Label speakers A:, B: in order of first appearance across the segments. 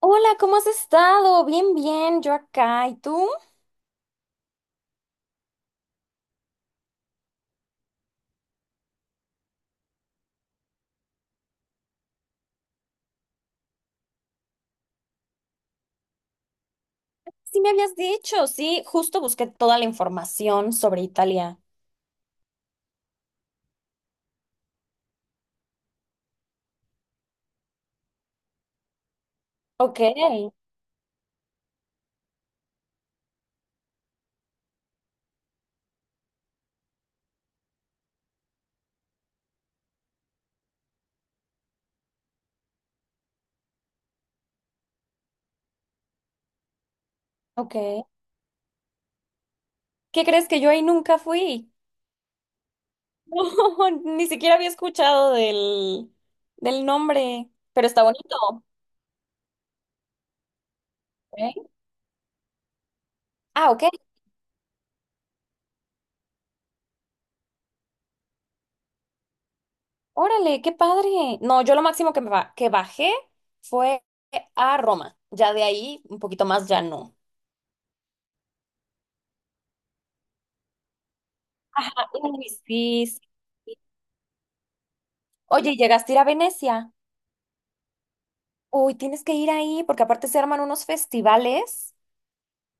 A: Hola, ¿cómo has estado? Bien, yo acá. ¿Y tú? Sí me habías dicho, sí, justo busqué toda la información sobre Italia. Ok, ok. ¿Qué crees que yo ahí nunca fui? No, ni siquiera había escuchado del nombre, pero está bonito. ¿Eh? Ah, ok. Órale, qué padre. No, yo lo máximo que, que bajé fue a Roma. Ya de ahí, un poquito más, ya no. Ajá, uy, sí, sí. Oye, ¿llegaste a ir a Venecia? Uy, tienes que ir ahí porque aparte se arman unos festivales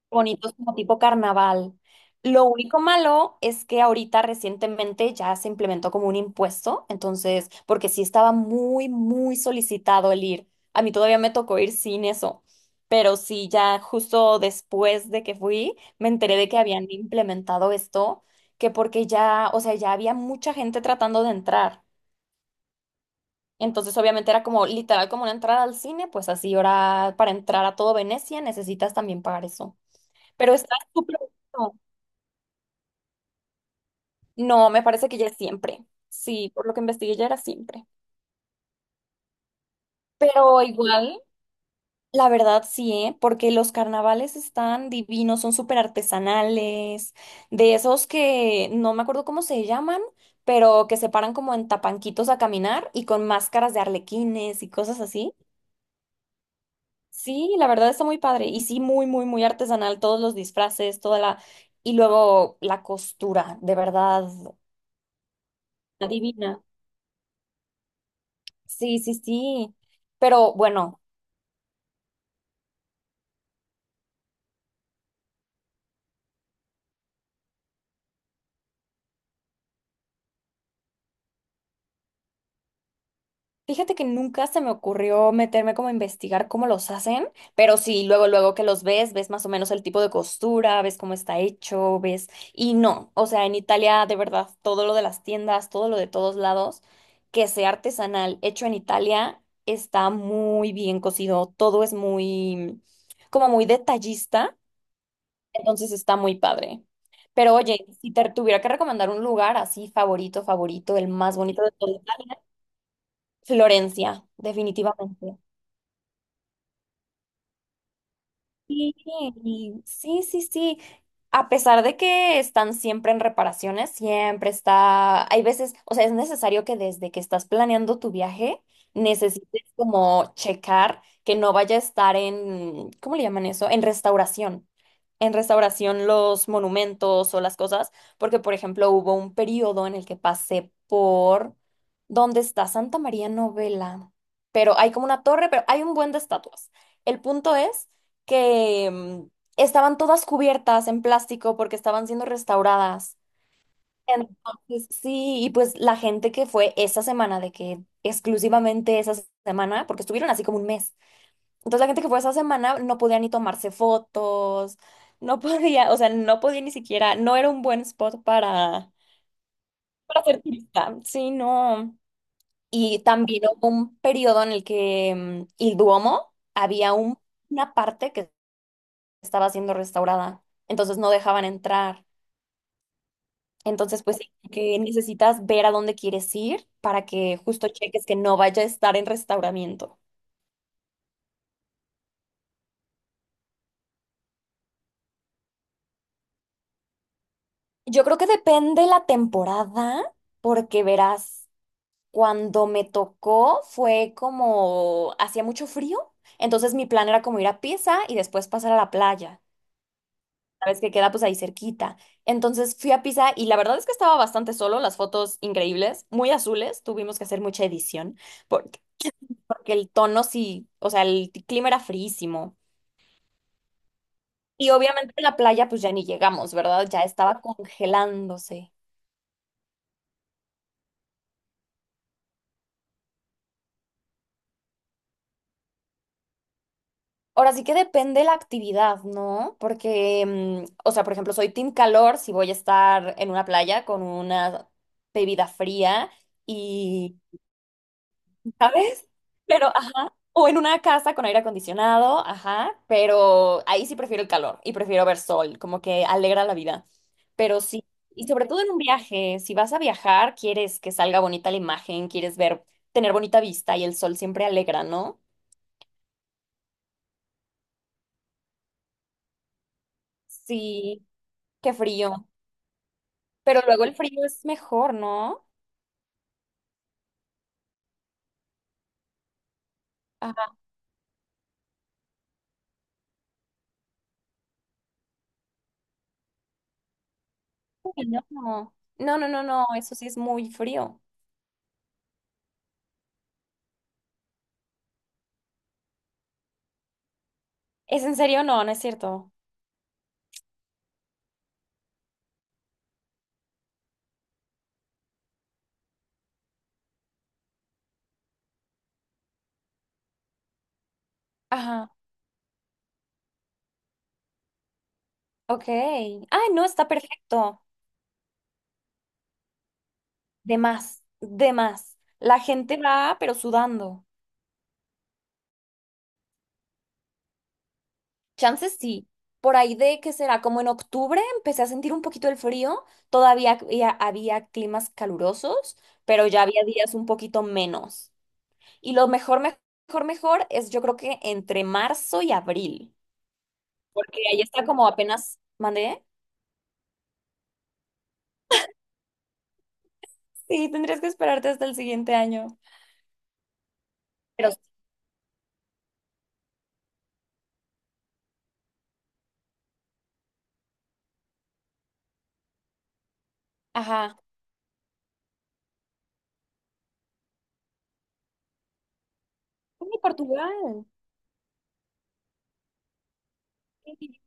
A: bonitos como tipo carnaval. Lo único malo es que ahorita recientemente ya se implementó como un impuesto, entonces, porque sí estaba muy solicitado el ir. A mí todavía me tocó ir sin eso, pero sí, ya justo después de que fui, me enteré de que habían implementado esto, que porque ya, o sea, ya había mucha gente tratando de entrar. Entonces, obviamente era como literal como una entrada al cine, pues así ahora para entrar a todo Venecia necesitas también pagar eso. Pero está súper bueno. No, me parece que ya es siempre. Sí, por lo que investigué ya era siempre. Pero igual, la verdad sí, ¿eh? Porque los carnavales están divinos, son súper artesanales, de esos que no me acuerdo cómo se llaman, pero que se paran como en tapanquitos a caminar y con máscaras de arlequines y cosas así. Sí, la verdad está muy padre. Y sí, muy artesanal. Todos los disfraces, toda la... Y luego la costura, de verdad, adivina. Sí, sí, sí. Pero bueno, fíjate que nunca se me ocurrió meterme como a investigar cómo los hacen, pero sí, luego que los ves, ves más o menos el tipo de costura, ves cómo está hecho, ves... Y no, o sea, en Italia de verdad, todo lo de las tiendas, todo lo de todos lados, que sea artesanal, hecho en Italia, está muy bien cocido, todo es muy, como muy detallista, entonces está muy padre. Pero oye, si te tuviera que recomendar un lugar así favorito, el más bonito de todo Italia, Florencia, definitivamente. Sí, sí, sí, sí. A pesar de que están siempre en reparaciones, siempre está, hay veces, o sea, es necesario que desde que estás planeando tu viaje, necesites como checar que no vaya a estar en, ¿cómo le llaman eso? En restauración los monumentos o las cosas, porque por ejemplo hubo un periodo en el que pasé por donde está Santa María Novela, pero hay como una torre, pero hay un buen de estatuas. El punto es que estaban todas cubiertas en plástico porque estaban siendo restauradas. Entonces, sí, y pues la gente que fue esa semana, de que exclusivamente esa semana, porque estuvieron así como un mes. Entonces la gente que fue esa semana no podía ni tomarse fotos, no podía, o sea, no podía ni siquiera, no era un buen spot para ser turista. Sí, no. Y también hubo un periodo en el que el Duomo había un- una parte que estaba siendo restaurada, entonces no dejaban entrar. Entonces, pues sí, que necesitas ver a dónde quieres ir para que justo cheques que no vaya a estar en restauramiento. Yo creo que depende la temporada, porque verás. Cuando me tocó fue como hacía mucho frío, entonces mi plan era como ir a Pisa y después pasar a la playa. Sabes que queda pues ahí cerquita. Entonces fui a Pisa y la verdad es que estaba bastante solo, las fotos increíbles, muy azules, tuvimos que hacer mucha edición porque, porque el tono sí, o sea, clima era fríísimo. Y obviamente en la playa pues ya ni llegamos, ¿verdad? Ya estaba congelándose. Ahora sí que depende la actividad, ¿no? Porque, o sea, por ejemplo, soy team calor si voy a estar en una playa con una bebida fría y, ¿sabes? Pero, ajá, o en una casa con aire acondicionado, ajá, pero ahí sí prefiero el calor y prefiero ver sol, como que alegra la vida. Pero sí, y sobre todo en un viaje, si vas a viajar, quieres que salga bonita la imagen, quieres ver, tener bonita vista y el sol siempre alegra, ¿no? Sí, qué frío. Pero luego el frío es mejor, ¿no? Ah, uy, no. No, no, no, no, eso sí es muy frío. ¿Es en serio? No, no es cierto. Ajá, ok. Ay, no, está perfecto. De más, de más. La gente va, pero sudando. Chances sí. Por ahí de que será como en octubre empecé a sentir un poquito el frío. Todavía había climas calurosos, pero ya había días un poquito menos. Y lo mejor es yo creo que entre marzo y abril. Porque ahí está como apenas mandé, sí, tendrías que esperarte hasta el siguiente año. Pero ajá. ¡Ay, Portugal! Sí,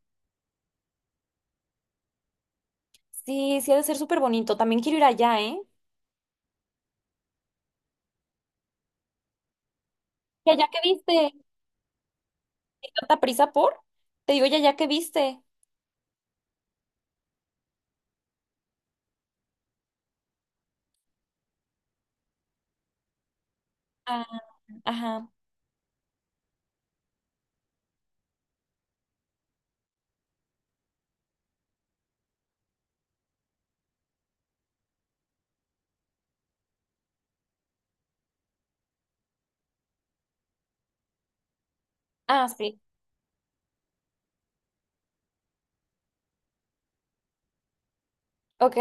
A: sí ha de ser súper bonito. También quiero ir allá, ¿eh? ¿Y allá que viste? ¿Hay tanta prisa por? Te digo, ¿y allá que viste? Ah, ajá. Ah, sí. Ok.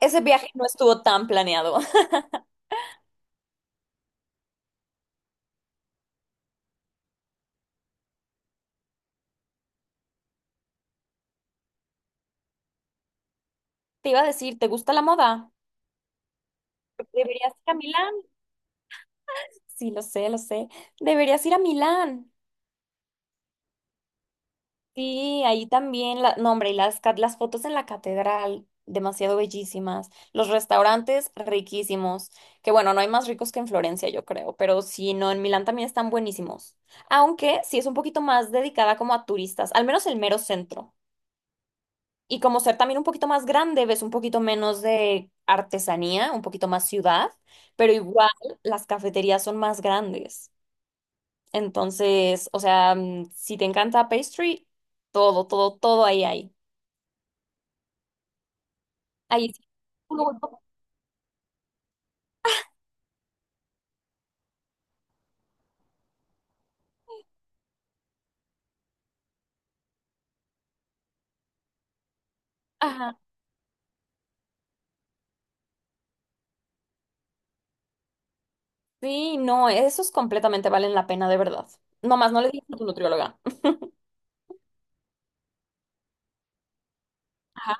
A: Ese viaje no estuvo tan planeado. Te iba a decir, ¿te gusta la moda? Deberías ir a Milán. Sí, lo sé. Deberías ir a Milán. Sí, ahí también, la, no, hombre, y las, las fotos en la catedral, demasiado bellísimas. Los restaurantes, riquísimos. Que bueno, no hay más ricos que en Florencia, yo creo, pero sí, no, en Milán también están buenísimos. Aunque sí es un poquito más dedicada como a turistas, al menos el mero centro. Y como ser también un poquito más grande, ves un poquito menos de artesanía, un poquito más ciudad, pero igual las cafeterías son más grandes. Entonces, o sea, si te encanta pastry, todo ahí hay. Ahí sí. Luego ajá. Sí, no, esos completamente valen la pena, de verdad. Nomás no le digas a tu nutrióloga. Ajá.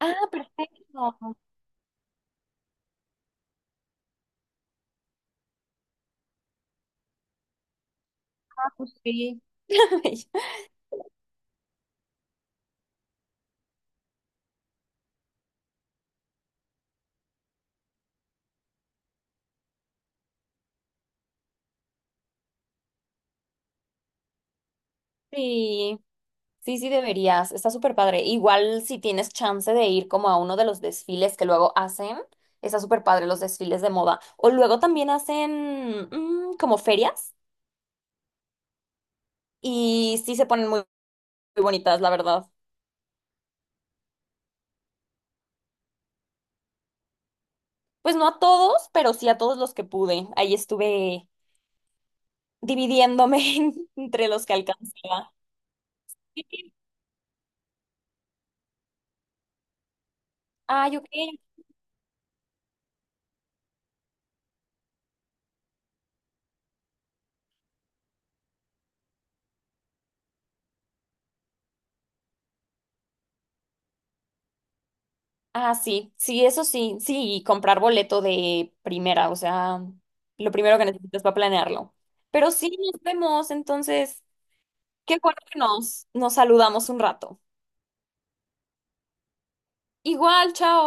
A: Ah, perfecto. Ah, pues sí. Sí, sí deberías. Está súper padre. Igual si tienes chance de ir como a uno de los desfiles que luego hacen, está súper padre los desfiles de moda. O luego también hacen como ferias y sí se ponen muy bonitas, la verdad. Pues no a todos, pero sí a todos los que pude. Ahí estuve dividiéndome entre los que alcancía. Ay, ok. Ah, sí, eso sí, y comprar boleto de primera, o sea, lo primero que necesitas para planearlo. Pero sí, nos vemos, entonces, qué bueno que nos saludamos un rato. Igual, chao.